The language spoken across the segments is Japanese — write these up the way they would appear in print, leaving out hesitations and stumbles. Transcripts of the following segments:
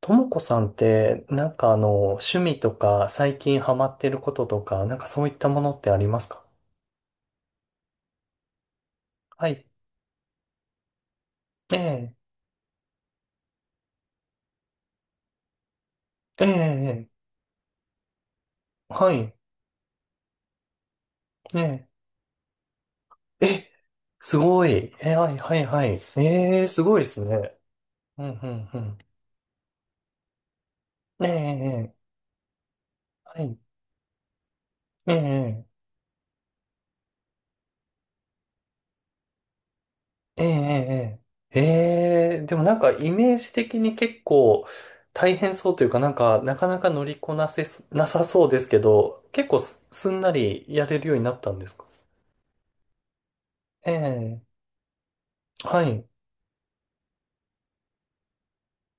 ともこさんって、なんか趣味とか、最近ハマってることとか、なんかそういったものってありますか？はい。ええ、ええ、ええ。はい。ええ、え、すごい。え、はい、はい、はい。ええ、すごいですね。うん、うん、うん。ええ、ええ。はい。ええ、ええ、ええ、ええええ、でもなんかイメージ的に結構大変そうというか、なんかなかなか乗りこなせそ、なさそうですけど、結構すんなりやれるようになったんですか？ええ、はい。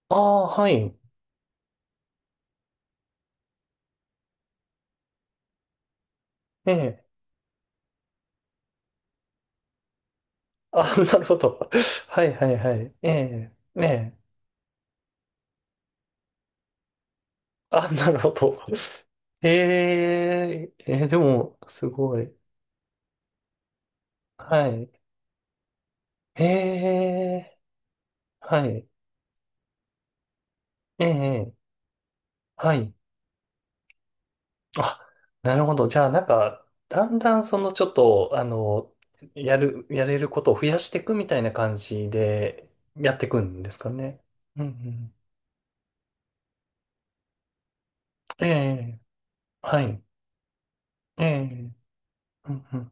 ああ、はい。ええ、あ、なるほど。はいはいはい。ええ、ええ、あ、なるほど。ええ、ええ、でも、すごい。はい。ええ、はい。ええ、はい。あ、なるほど。じゃあ、なんか、だんだん、その、ちょっと、やれることを増やしていくみたいな感じで、やっていくんですかね。うんうん。ええ、はい。ええ、うんうん。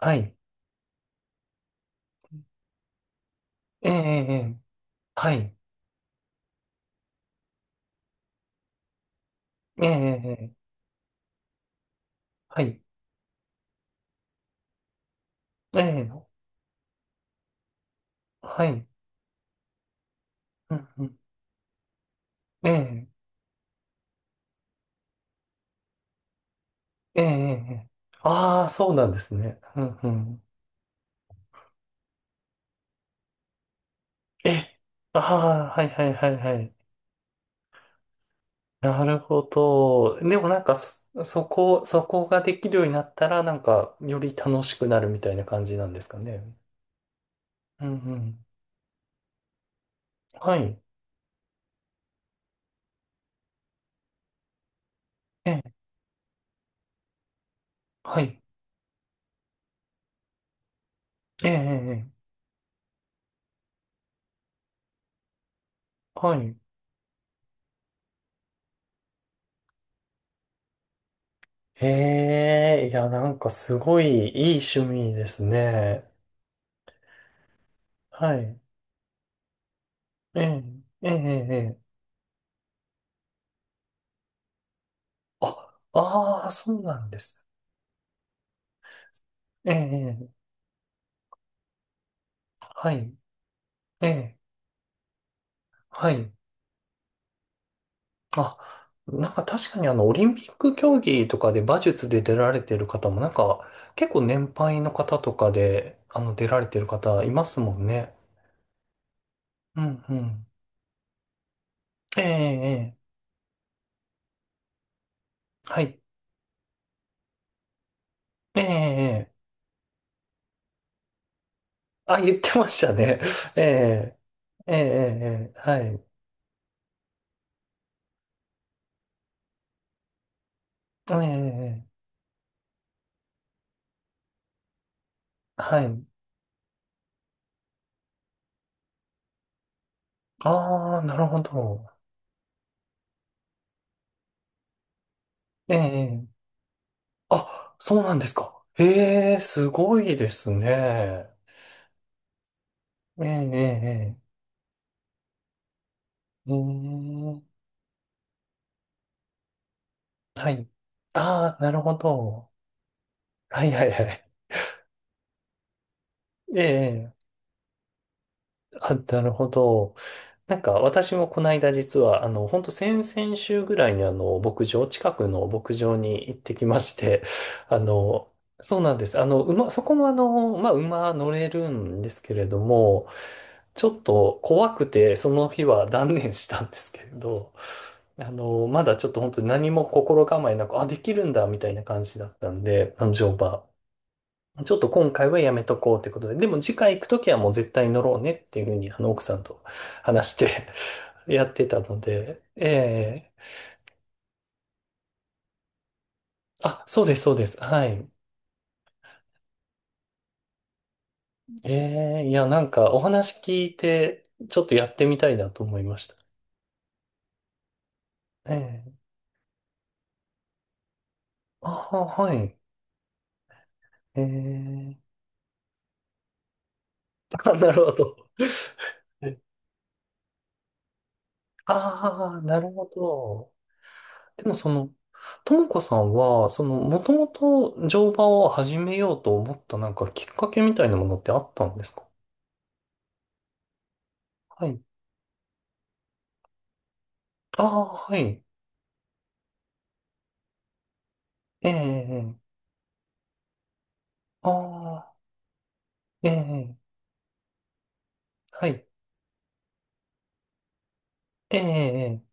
はい。ええ、ええ、はい。ええ、ええ、はい。ええ、はい。うんうん、ええ、ええ、え、ああー、そうなんですね。うんうん。え、ああ、はいはいはいはい。なるほど。でもなんかそこができるようになったら、なんか、より楽しくなるみたいな感じなんですかね。うんうん。はい。ええ、はい。ええ、ええ、はい。ええ、いや、なんかすごいいい趣味ですね。はい。ええ、ええ、ええ。ええ、あ、ああ、そうなんです。ええ、ええ。はい。ええ、はい。あ、なんか確かにオリンピック競技とかで馬術で出られてる方も、なんか、結構年配の方とかで、出られてる方いますもんね。うん、うん。ええ、ええ、はい。ええ、ええ。あ、言ってましたね。ええ、ええ、ええ、はい。ええ、ええ、はい、えええ、はい。ああ、なるほど。ええ、ええ、あ、そうなんですか。へえ、すごいですね。ええ、ええ、ええ。うーん。はい。ああ、なるほど。はいはいはい。ええ、あ、なるほど。なんか私もこの間実は、本当先々週ぐらいに牧場、近くの牧場に行ってきまして、あの、そうなんです。あの、馬、そこもあの、まあ、馬乗れるんですけれども、ちょっと怖くて、その日は断念したんですけれど、あの、まだちょっと本当に何も心構えなく、あ、できるんだ、みたいな感じだったんで、あの、乗馬。ちょっと今回はやめとこうってことで、でも次回行くときはもう絶対乗ろうねっていうふうに、あの、奥さんと話してやってたので、ええ、あ、そうです、そうです。はい。ええ、いや、なんかお話聞いて、ちょっとやってみたいなと思いました。ええ、あ、はい。ええ、 あ、なるほど。ああ、なるほど。でもその、ともこさんは、その、もともと乗馬を始めようと思ったなんかきっかけみたいなものってあったんですか？はい。ああ、はい。ええええ、ああ、ええ。はい。ええええ、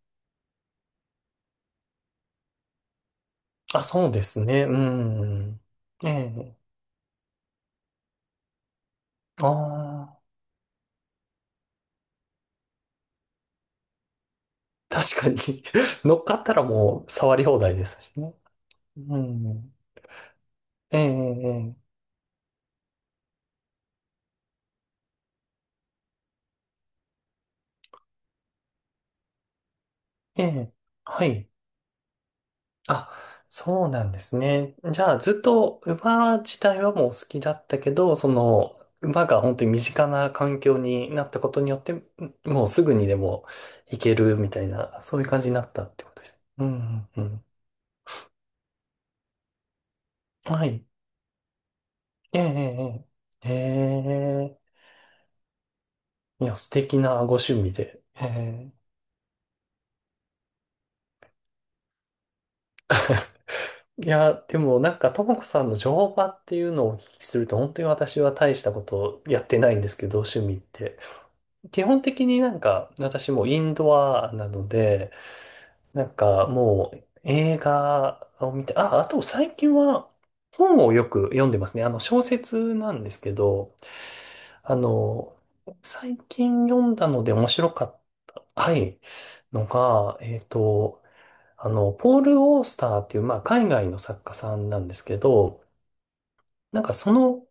あ、そうですね。うん。ええ。ああ、確かに 乗っかったらもう触り放題ですしね。うん。ええ、ええ、ええ。はい。あ、そうなんですね。じゃあ、ずっと馬自体はもう好きだったけど、その、馬が本当に身近な環境になったことによって、もうすぐにでも行けるみたいな、そういう感じになったってことです。うん、うん、うん。はい。ええ、ええ。ええ、へえ、いや、素敵なご趣味で。へえ、いや、でもなんか、ともこさんの乗馬っていうのをお聞きすると、本当に私は大したことやってないんですけど、趣味って。基本的になんか、私もインドアなので、なんかもう映画を見て、あ、あと最近は本をよく読んでますね。あの、小説なんですけど、あの、最近読んだので面白かった。はい。のが、あの、ポール・オースターっていう、まあ、海外の作家さんなんですけど、なんかその、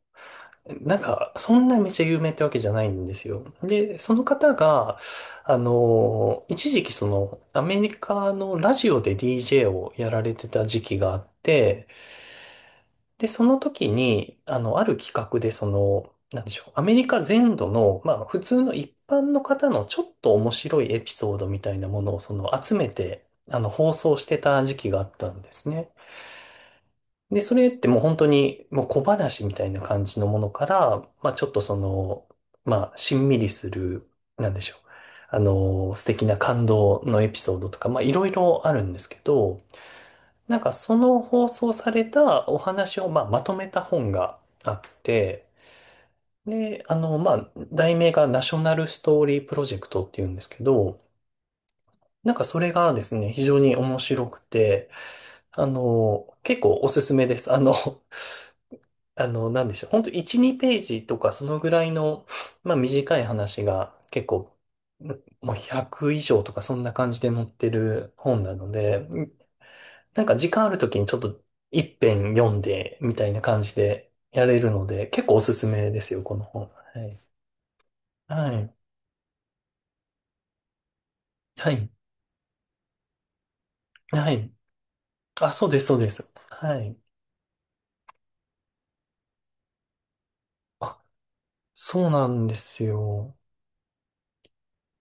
なんか、そんなめっちゃ有名ってわけじゃないんですよ。で、その方が、あの、一時期その、アメリカのラジオで DJ をやられてた時期があって、で、その時に、あの、ある企画で、その、なんでしょう、アメリカ全土の、まあ、普通の一般の方のちょっと面白いエピソードみたいなものを、その、集めて、あの、放送してた時期があったんですね。で、それってもう本当にもう小話みたいな感じのものから、まあちょっとその、まあしんみりする、なんでしょう。あの、素敵な感動のエピソードとか、まあいろいろあるんですけど、なんかその放送されたお話を、まあ、まとめた本があって、で、あの、まあ、題名がナショナルストーリープロジェクトっていうんですけど、なんかそれがですね、非常に面白くて、あの、結構おすすめです。あの、あの、なんでしょう。ほんと1、2ページとかそのぐらいの、まあ短い話が結構、ん、もう100以上とかそんな感じで載ってる本なので、ん、なんか時間ある時にちょっと一遍読んでみたいな感じでやれるので、結構おすすめですよ、この本。はい。はい。はい。はい。あ、そうです、そうです。はい。あ、そうなんですよ。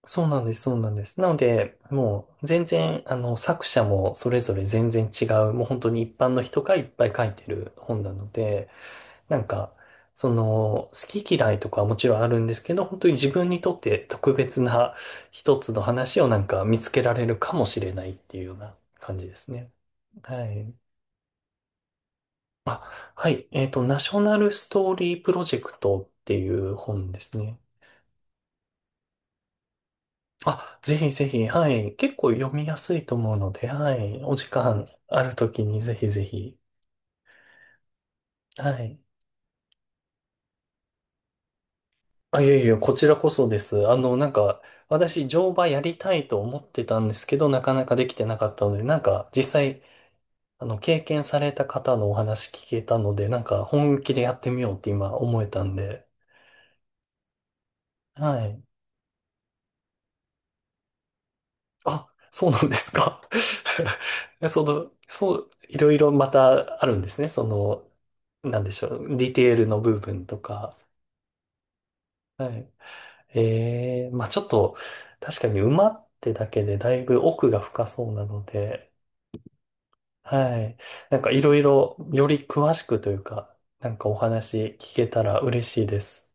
そうなんです、そうなんです。なので、もう全然、あの、作者もそれぞれ全然違う、もう本当に一般の人がいっぱい書いてる本なので、なんか、その、好き嫌いとかはもちろんあるんですけど、本当に自分にとって特別な一つの話をなんか見つけられるかもしれないっていうような感じですね。はい。あ、はい。えっと、ナショナルストーリープロジェクトっていう本ですね。あ、ぜひぜひ、はい。結構読みやすいと思うので、はい。お時間あるときにぜひぜひ。はい。あ、いやいや、こちらこそです。あの、なんか、私、乗馬やりたいと思ってたんですけど、なかなかできてなかったので、なんか、実際、あの、経験された方のお話聞けたので、なんか、本気でやってみようって今思えたんで、はい。あ、そうなんですか。その、そう、いろいろまたあるんですね。その、なんでしょう。ディテールの部分とか。はい。ええ、まあちょっと、確かに馬ってだけでだいぶ奥が深そうなので、はい。なんかいろいろより詳しくというか、なんかお話聞けたら嬉しいです。